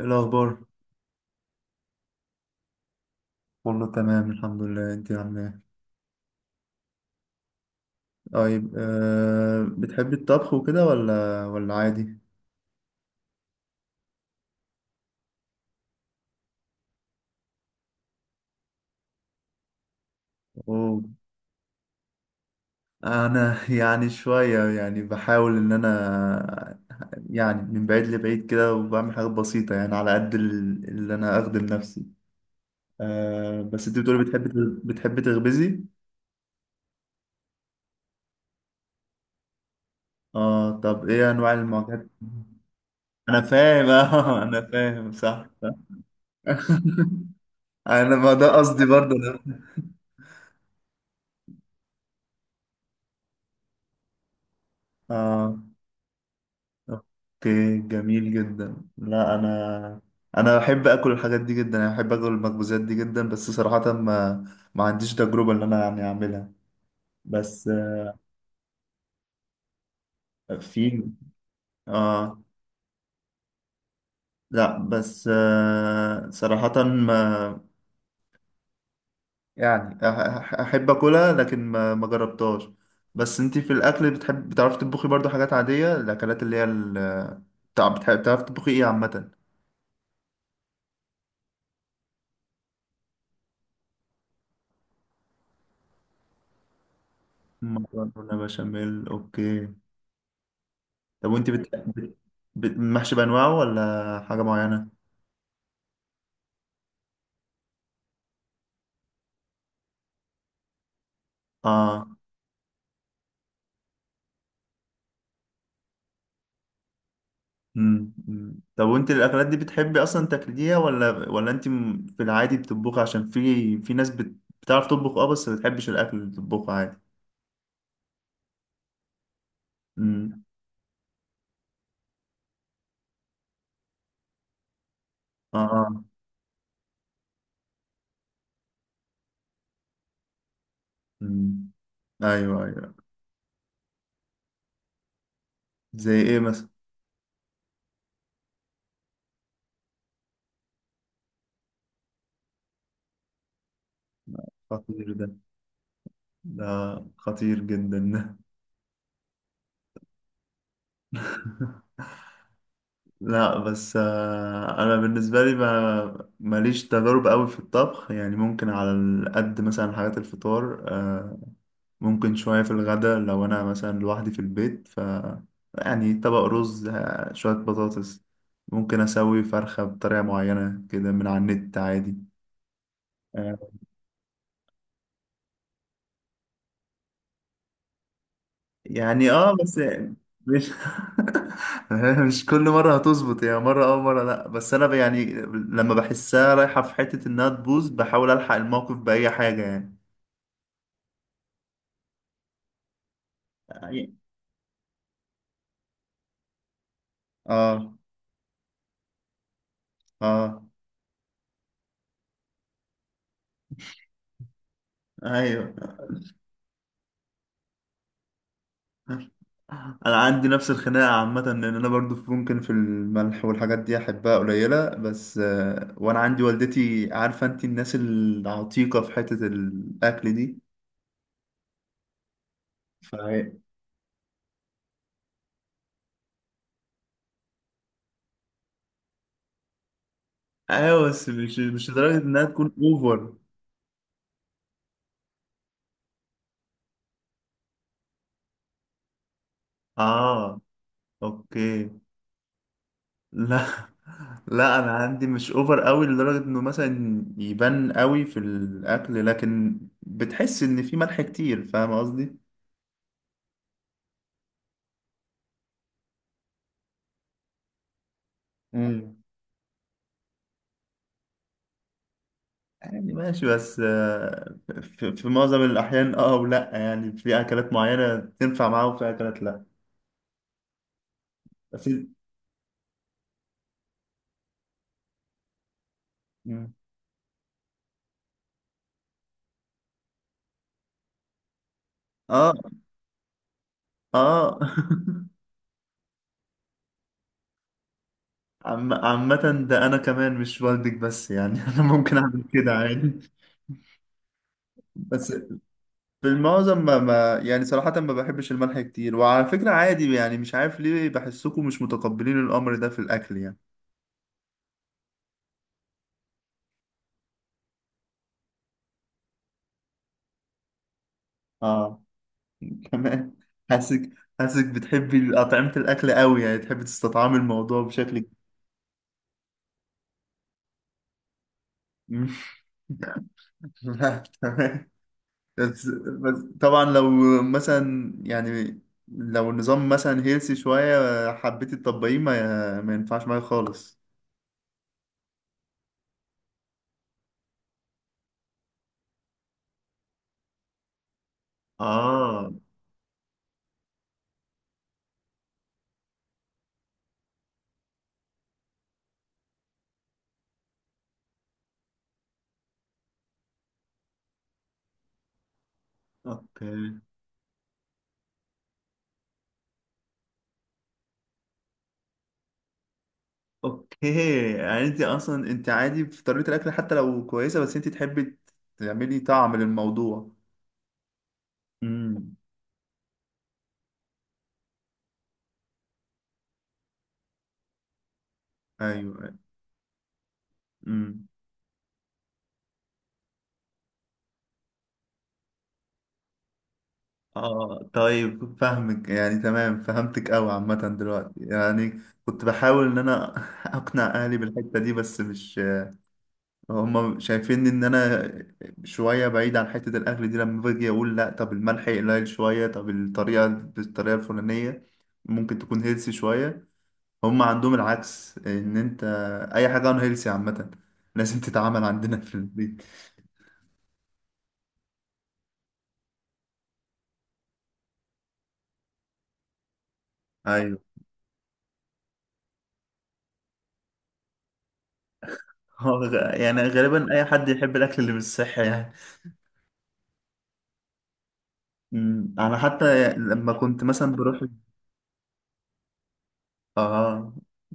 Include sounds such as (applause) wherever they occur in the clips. إيه الأخبار؟ والله تمام الحمد لله، انت عامله ايه؟ طيب بتحبي الطبخ وكده ولا عادي؟ أوه. أنا (laughs) يعني شوية بحاول إن أنا، يعني من بعيد لبعيد كده، وبعمل حاجات بسيطة يعني على قد اللي أنا أخدم نفسي. بس انت بتقولي بتحبي تخبزي؟ اه، طب ايه أنواع المعجنات؟ أنا فاهم. (laughs) أنا فاهم، صح. (laughs) أنا، ما ده قصدي برضه أنا. اه، اوكي، جميل جدا. لا انا، انا بحب اكل الحاجات دي جدا، انا بحب اكل المخبوزات دي جدا، بس صراحة ما عنديش تجربة ان انا يعني اعملها. بس في. اه، لا بس صراحة ما، يعني احب اكلها، لكن ما جربتهاش. بس انتي في الاكل بتحب، بتعرفي تطبخي برضو حاجات عادية، الاكلات اللي هي بتعرفي تطبخي ايه عامة؟ مكرونة بشاميل، اوكي. طب وانت محشي بانواعه ولا حاجه معينه؟ اه. امم، أمم. طب وانت الاكلات دي بتحبي اصلا تاكليها ولا انت في العادي بتطبخي؟ عشان في ناس بتعرف تطبخ، اه، بس ما بتحبش الاكل اللي بتطبخه عادي. امم. اه، آه. امم. ايوه، ايوه. زي ايه مثلا؟ خطير ده، خطير جدا ده. (laughs) لا بس انا بالنسبه لي ما ماليش تجارب قوي في الطبخ يعني، ممكن على قد مثلا حاجات الفطار، ممكن شوية في الغداء لو أنا مثلا لوحدي في البيت، ف يعني طبق رز، شوية بطاطس، ممكن أسوي فرخة بطريقة معينة كده من على النت عادي. آه، يعني اه بس، مش (laughs) مش كل مرة هتظبط يعني، مرة اه مرة لأ، بس أنا يعني لما بحسها رايحة في حتة إنها تبوظ، بحاول ألحق الموقف بأي حاجة يعني. اه، اه. ايوه، انا عندي نفس الخناقه عامه، لان انا برضو ممكن في الملح والحاجات دي احبها قليله، بس وانا عندي والدتي، عارفه انت الناس العتيقه في حته الاكل دي، فهي. ايوه بس مش، مش لدرجه انها تكون اوفر. اه، اوكي. لا، لا انا عندي مش اوفر قوي لدرجه انه مثلا يبان قوي في الاكل، لكن بتحس ان في ملح كتير، فاهم قصدي. يعني ماشي بس في معظم الأحيان اه، ولا يعني في أكلات معينة تنفع معاه وفي أكلات لا. بس. مم. اه. اه. (laughs) عامة ده أنا كمان مش والدك بس يعني، (laughs) أنا ممكن أعمل كده عادي. بس في المعظم ما يعني صراحة ما بحبش الملح كتير، وعلى فكرة عادي يعني، مش عارف ليه بحسكم مش متقبلين الأمر ده في الأكل يعني. اه. (laughs) كمان حاسك، حاسك بتحبي أطعمة الأكل قوي يعني، تحبي تستطعمي الموضوع بشكل. (laughs) (laughs) لا تمام. بس، بس طبعا لو مثلا يعني، لو النظام مثلا هيلسي شوية حبيت تطبقيه ما ينفعش معايا خالص. اه، اوكي. اوكي يعني انت اصلا انت عادي في طريقة الاكل حتى لو كويسة، بس انت تحبي تعملي طعم للموضوع. امم. ايوه. امم. اه طيب، فاهمك يعني، تمام فهمتك قوي. عامة دلوقتي يعني كنت بحاول ان انا (laughs) اقنع اهلي بالحتة دي، بس مش، هما شايفين ان انا شويه بعيد عن حته الاكل دي، لما باجي اقول لا، طب الملح قليل شويه، طب الطريقه بالطريقه الفلانيه ممكن تكون هيلسي شويه، هما عندهم العكس، ان انت اي حاجه عن هيلسي عامه (laughs) لازم تتعامل عندنا في البيت. ايوه، يعني غالبا اي حد يحب الاكل اللي مش صحي يعني. أمم، انا حتى لما كنت مثلا بروح. اه.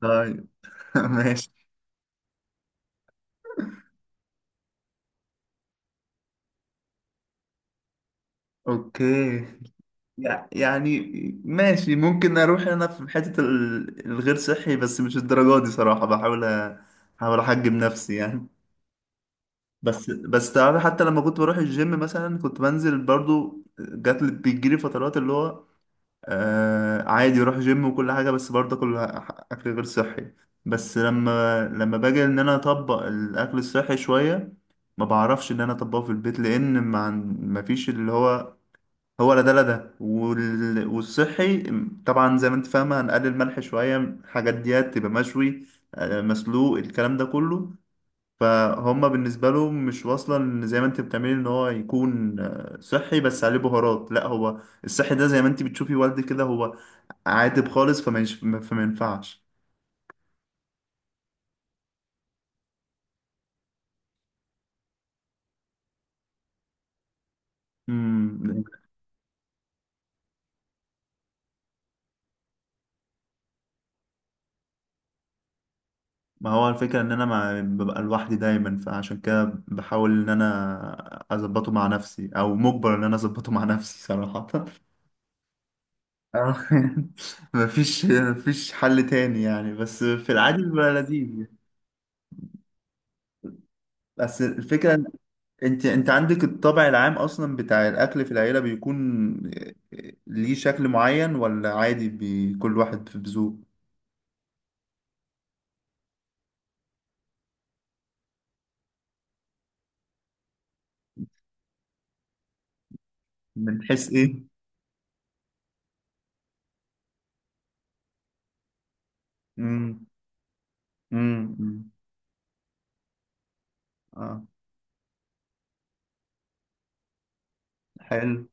طيب. (laughs) ماشي. اوكي. يعني ماشي، ممكن اروح انا في حتة الغير صحي بس مش الدرجة دي صراحة، بحاول احاول احجم نفسي يعني. بس، بس تعرف حتى لما كنت بروح الجيم مثلا، كنت بنزل برضو، جات لي بيجيلي فترات اللي هو، آه عادي اروح جيم وكل حاجة، بس برضه كل اكل غير صحي. بس لما باجي ان انا اطبق الاكل الصحي شوية، ما بعرفش ان انا اطبقه في البيت، لان ما فيش اللي هو، هو لا ده والصحي. طبعا زي ما انت فاهمة هنقلل ملح شوية، الحاجات ديت تبقى مشوي، مسلوق، الكلام ده كله. فهم بالنسبة له مش واصلة، ان زي ما انت بتعملي ان هو يكون صحي بس عليه بهارات، لا، هو الصحي ده زي ما انت بتشوفي والدي كده، هو عادب خالص، فما ينفعش. مم. ما هو الفكرة ان انا ببقى لوحدي دايما، فعشان كده بحاول ان انا اظبطه مع نفسي، او مجبر ان انا اظبطه مع نفسي صراحة. اه. (laughs) مفيش، مفيش حل تاني يعني، بس في العادي بيبقى لذيذ يعني. بس الفكرة إن، انت انت عندك الطبع العام اصلا بتاع الاكل في العيلة، بيكون ليه شكل معين ولا عادي كل واحد في بذوق؟ من حيث ايه؟ امم. امم. اه. حلو،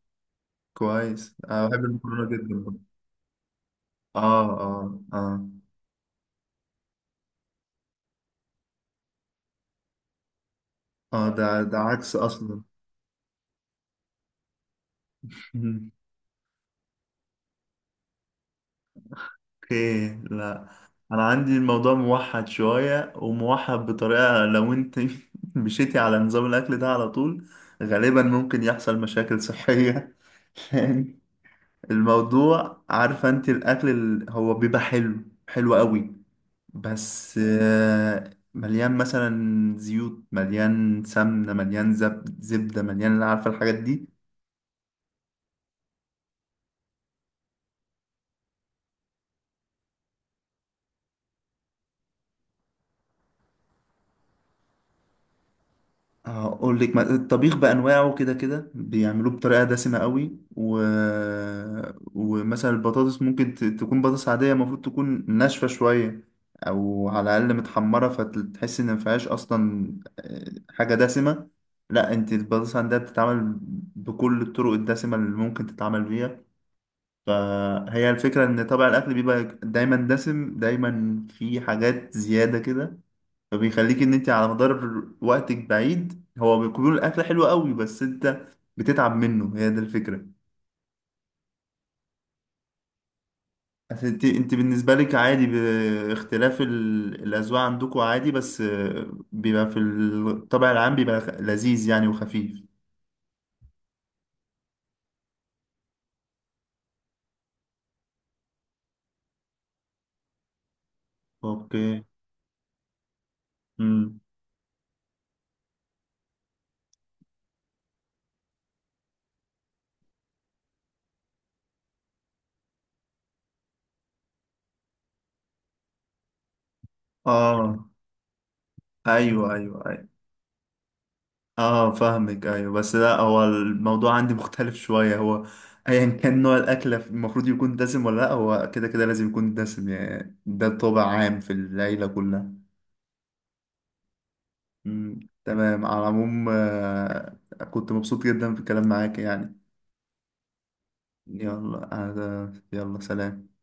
كويس. انا بحب المكرونة جدا برضه. اه. اه، ده ده عكس اصلا. (laughs) اوكي. لا انا عندي الموضوع موحد شوية، وموحد بطريقة لو انت (laughs) مشيتي على نظام الاكل ده على طول، غالبا ممكن يحصل مشاكل صحية. (laughs) لأن الموضوع، عارفة انت الاكل هو بيبقى حلو قوي، بس مليان مثلا زيوت، مليان سمنة، مليان زبدة، مليان، عارفة الحاجات دي. هقول لك، الطبيخ بأنواعه كده بيعملوه بطريقة دسمة قوي، و... ومثلا البطاطس ممكن تكون بطاطس عادية، المفروض تكون ناشفة شوية، أو على الأقل متحمرة، فتحس إن مفيهاش أصلا حاجة دسمة. لا، أنت البطاطس عندها بتتعمل بكل الطرق الدسمة اللي ممكن تتعمل بيها. فهي الفكرة إن طبع الأكل بيبقى دايما دسم، دايما في حاجات زيادة كده، فبيخليك ان انت على مدار وقتك بعيد، هو بيكون الاكل حلو قوي، بس انت بتتعب منه، هي دي الفكره. أصل انت، انت بالنسبه لك عادي باختلاف الاذواق عندكم عادي، بس بيبقى في الطبع العام بيبقى لذيذ يعني وخفيف. اوكي. امم. اه. ايوه، ايوه، ايوه. اه فاهمك، ايوه بس لا، هو الموضوع عندي مختلف شويه، هو ايا كان نوع الاكله المفروض يكون دسم ولا لا، هو كده كده لازم يكون دسم يعني، ده طابع عام في العيله كلها. مم. تمام. على العموم كنت مبسوط جدا في الكلام معاك يعني. يلا يلا سلام.